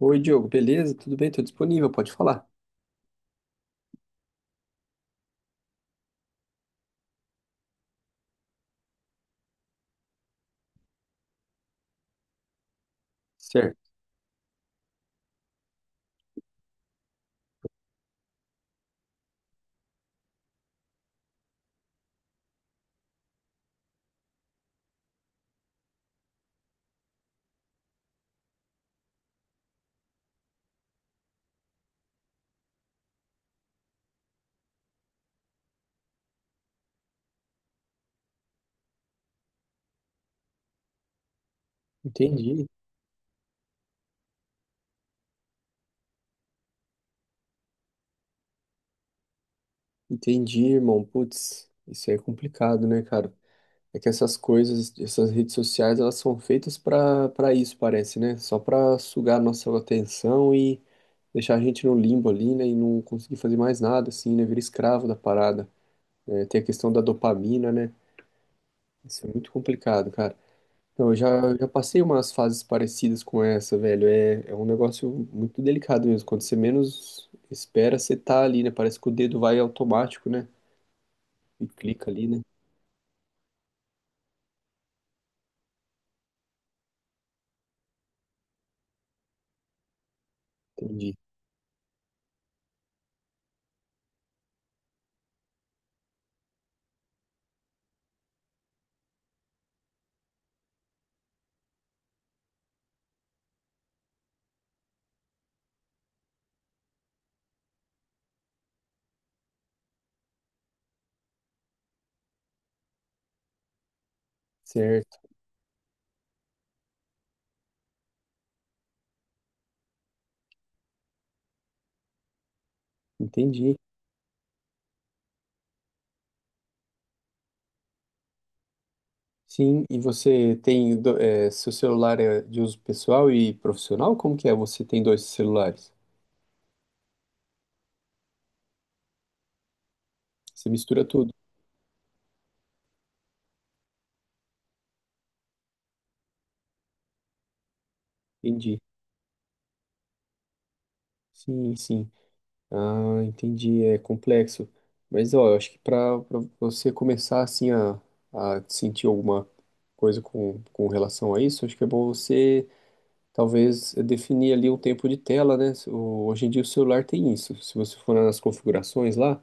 Oi, Diogo, beleza? Tudo bem? Tô disponível, pode falar. Certo. Entendi, entendi, irmão. Putz, isso aí é complicado, né, cara? É que essas coisas, essas redes sociais, elas são feitas pra para isso, parece, né? Só pra sugar a nossa atenção e deixar a gente no limbo ali, né? E não conseguir fazer mais nada, assim, né? Vira escravo da parada. É, tem a questão da dopamina, né? Isso é muito complicado, cara. Então, eu já passei umas fases parecidas com essa, velho. É, é um negócio muito delicado mesmo. Quando você menos espera, você tá ali, né? Parece que o dedo vai automático, né? E clica ali, né? Entendi. Certo, entendi. Sim, e você tem, é, seu celular é de uso pessoal e profissional? Como que é? Você tem dois celulares? Você mistura tudo. Entendi. Sim, sim. Ah, entendi, é complexo. Mas ó, eu acho que para você começar assim a sentir alguma coisa com relação a isso, acho que é bom você talvez definir ali um tempo de tela, né? Hoje em dia o celular tem isso. Se você for nas configurações lá,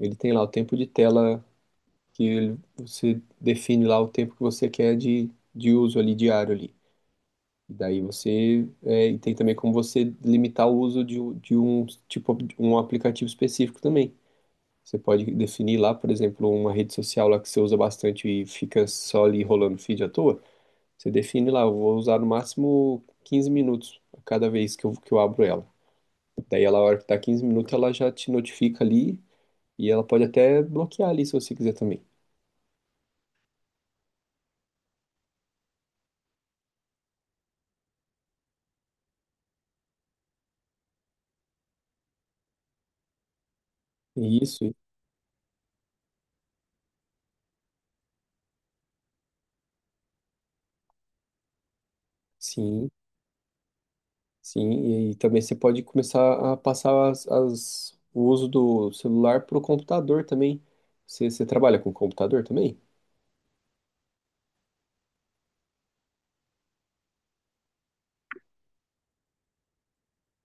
ele tem lá o tempo de tela que você define lá o tempo que você quer de uso ali diário ali. E daí você é, e tem também como você limitar o uso de, de um tipo de um aplicativo específico também. Você pode definir lá, por exemplo, uma rede social lá que você usa bastante e fica só ali rolando feed à toa. Você define lá, eu vou usar no máximo 15 minutos a cada vez que eu abro ela. Daí ela, a hora que tá 15 minutos, ela já te notifica ali e ela pode até bloquear ali se você quiser também. Isso, sim, sim. E também você pode começar a passar as, o uso do celular para o computador também. Você trabalha com computador também?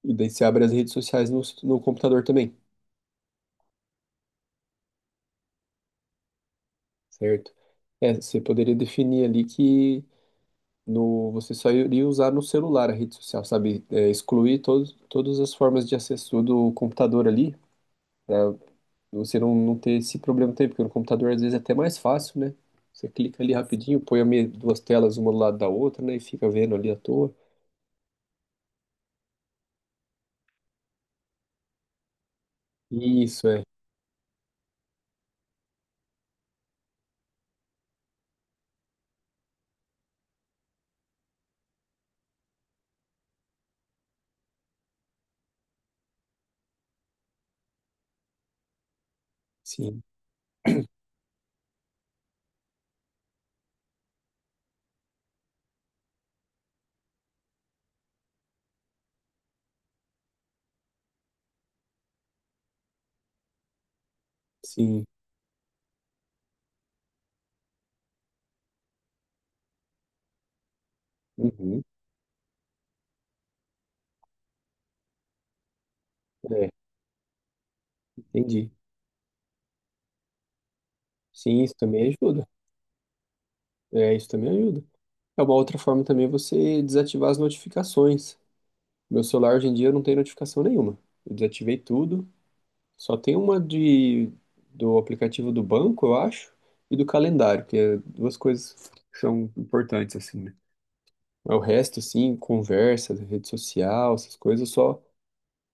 E daí você abre as redes sociais no, no computador também. Certo. É, você poderia definir ali que no, você só iria usar no celular a rede social, sabe? É, excluir todos, todas as formas de acesso do computador ali, para você não, não ter esse problema também, porque no computador às vezes é até mais fácil, né? Você clica ali rapidinho, põe a duas telas uma do lado da outra, né? E fica vendo ali à toa. Isso, é. Sim, sim. Uhum. É, entendi. Sim, isso também ajuda. É, isso também ajuda. É uma outra forma também você desativar as notificações. Meu celular hoje em dia não tem notificação nenhuma. Eu desativei tudo. Só tem uma de do aplicativo do banco, eu acho, e do calendário, que é duas coisas que são importantes assim, né? Mas o resto, assim, conversa, rede social, essas coisas, eu só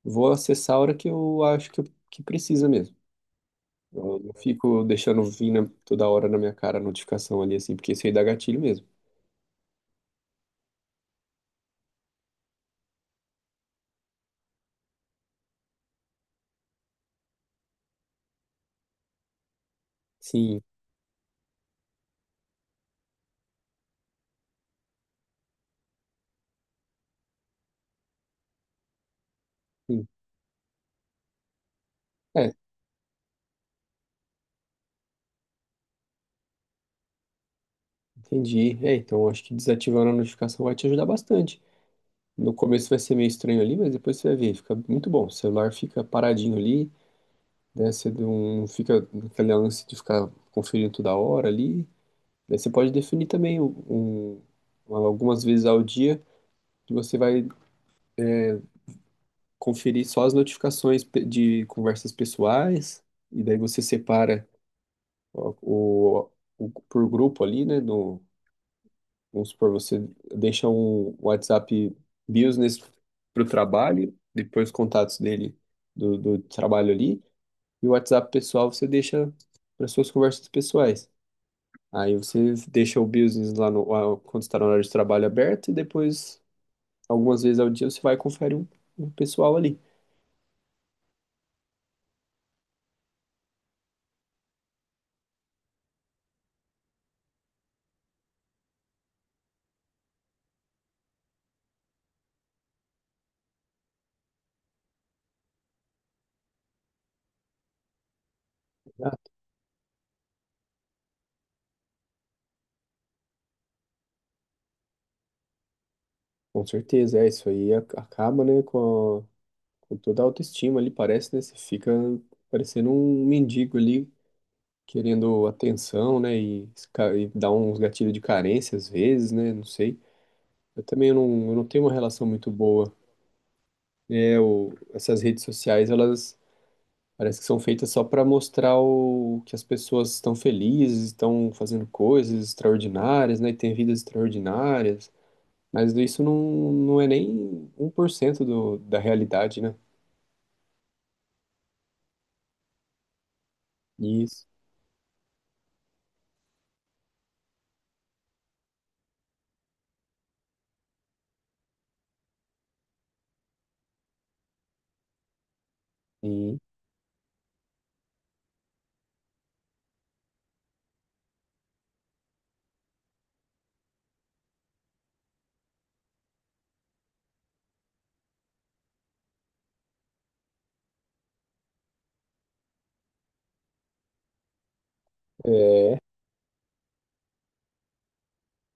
vou acessar a hora que eu acho que, que precisa mesmo. Eu não fico deixando vir toda hora na minha cara a notificação ali, assim, porque isso aí dá gatilho mesmo. Sim, sim. É, entendi. É, então acho que desativando a notificação vai te ajudar bastante. No começo vai ser meio estranho ali, mas depois você vai ver, fica muito bom. O celular fica paradinho ali, né? Você não fica naquele lance de ficar conferindo toda hora ali. Daí você pode definir também um, algumas vezes ao dia que você vai conferir só as notificações de conversas pessoais, e daí você separa o, por grupo ali, né? No, vamos supor, você deixa um WhatsApp Business para o trabalho, depois os contatos dele do, do trabalho ali, e o WhatsApp pessoal você deixa para suas conversas pessoais. Aí você deixa o business lá no, quando está na hora de trabalho aberto, e depois, algumas vezes ao dia, você vai e confere um, um pessoal ali. Ah, com certeza, é isso aí acaba, né, com, com toda a autoestima ali, parece, né? Você fica parecendo um mendigo ali querendo atenção, né? E, e dá uns gatilhos de carência às vezes, né? Não sei. Eu também não, eu não tenho uma relação muito boa. É, o, essas redes sociais, elas parece que são feitas só para mostrar o, que as pessoas estão felizes, estão fazendo coisas extraordinárias, né? E têm vidas extraordinárias. Mas isso não, não é nem um por cento do, da realidade, né? Isso. Sim. É,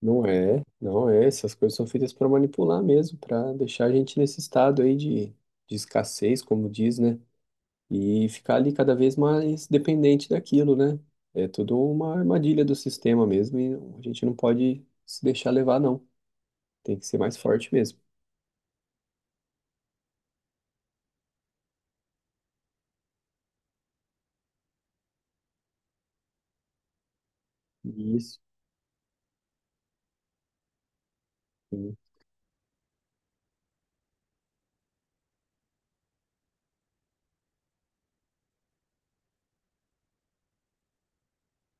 não é, não é. Essas coisas são feitas para manipular mesmo, para deixar a gente nesse estado aí de escassez, como diz, né? E ficar ali cada vez mais dependente daquilo, né? É tudo uma armadilha do sistema mesmo e a gente não pode se deixar levar, não. Tem que ser mais forte mesmo. Isso. Sim.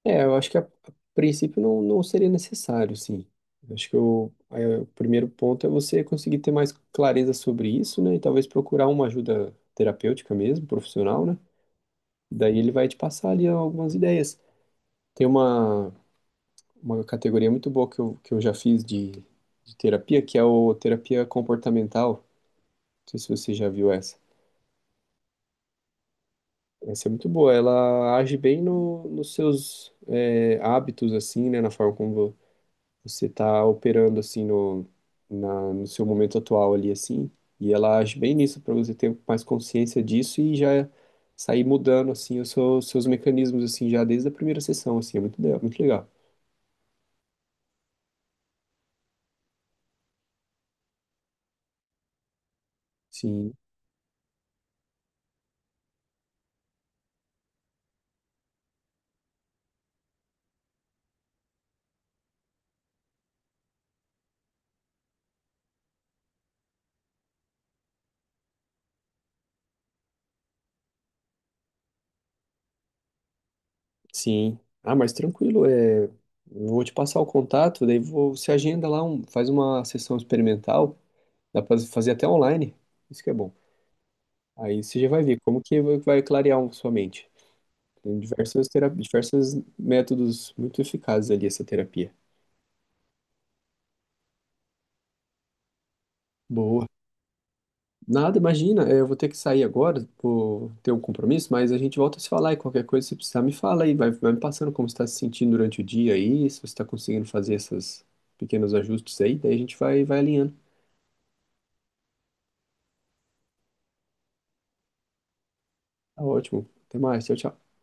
É, eu acho que a princípio não, não seria necessário, sim. Eu acho que o, aí o primeiro ponto é você conseguir ter mais clareza sobre isso, né? E talvez procurar uma ajuda terapêutica mesmo, profissional, né? Daí ele vai te passar ali algumas ideias. Tem uma categoria muito boa que eu já fiz de terapia, que é o terapia comportamental. Não sei se você já viu essa. Essa é muito boa. Ela age bem no, nos seus é, hábitos, assim, né? Na forma como você está operando, assim, no, na, no seu momento atual ali, assim. E ela age bem nisso, para você ter mais consciência disso e já sair mudando, assim, os seus, seus mecanismos, assim, já desde a primeira sessão, assim. É muito, muito legal. Sim. Sim. Ah, mas tranquilo, é... eu vou te passar o contato, daí você agenda lá, faz uma sessão experimental, dá pra fazer até online, isso que é bom. Aí você já vai ver como que vai clarear sua mente. Tem diversas tera... diversos métodos muito eficazes ali essa terapia. Boa. Nada, imagina, é, eu vou ter que sair agora, vou ter um compromisso, mas a gente volta a se falar e qualquer coisa, se precisar, me fala aí, vai, vai me passando como você está se sentindo durante o dia aí, se você está conseguindo fazer esses pequenos ajustes aí, daí a gente vai alinhando. Tá ótimo. Até mais. Tchau, tchau.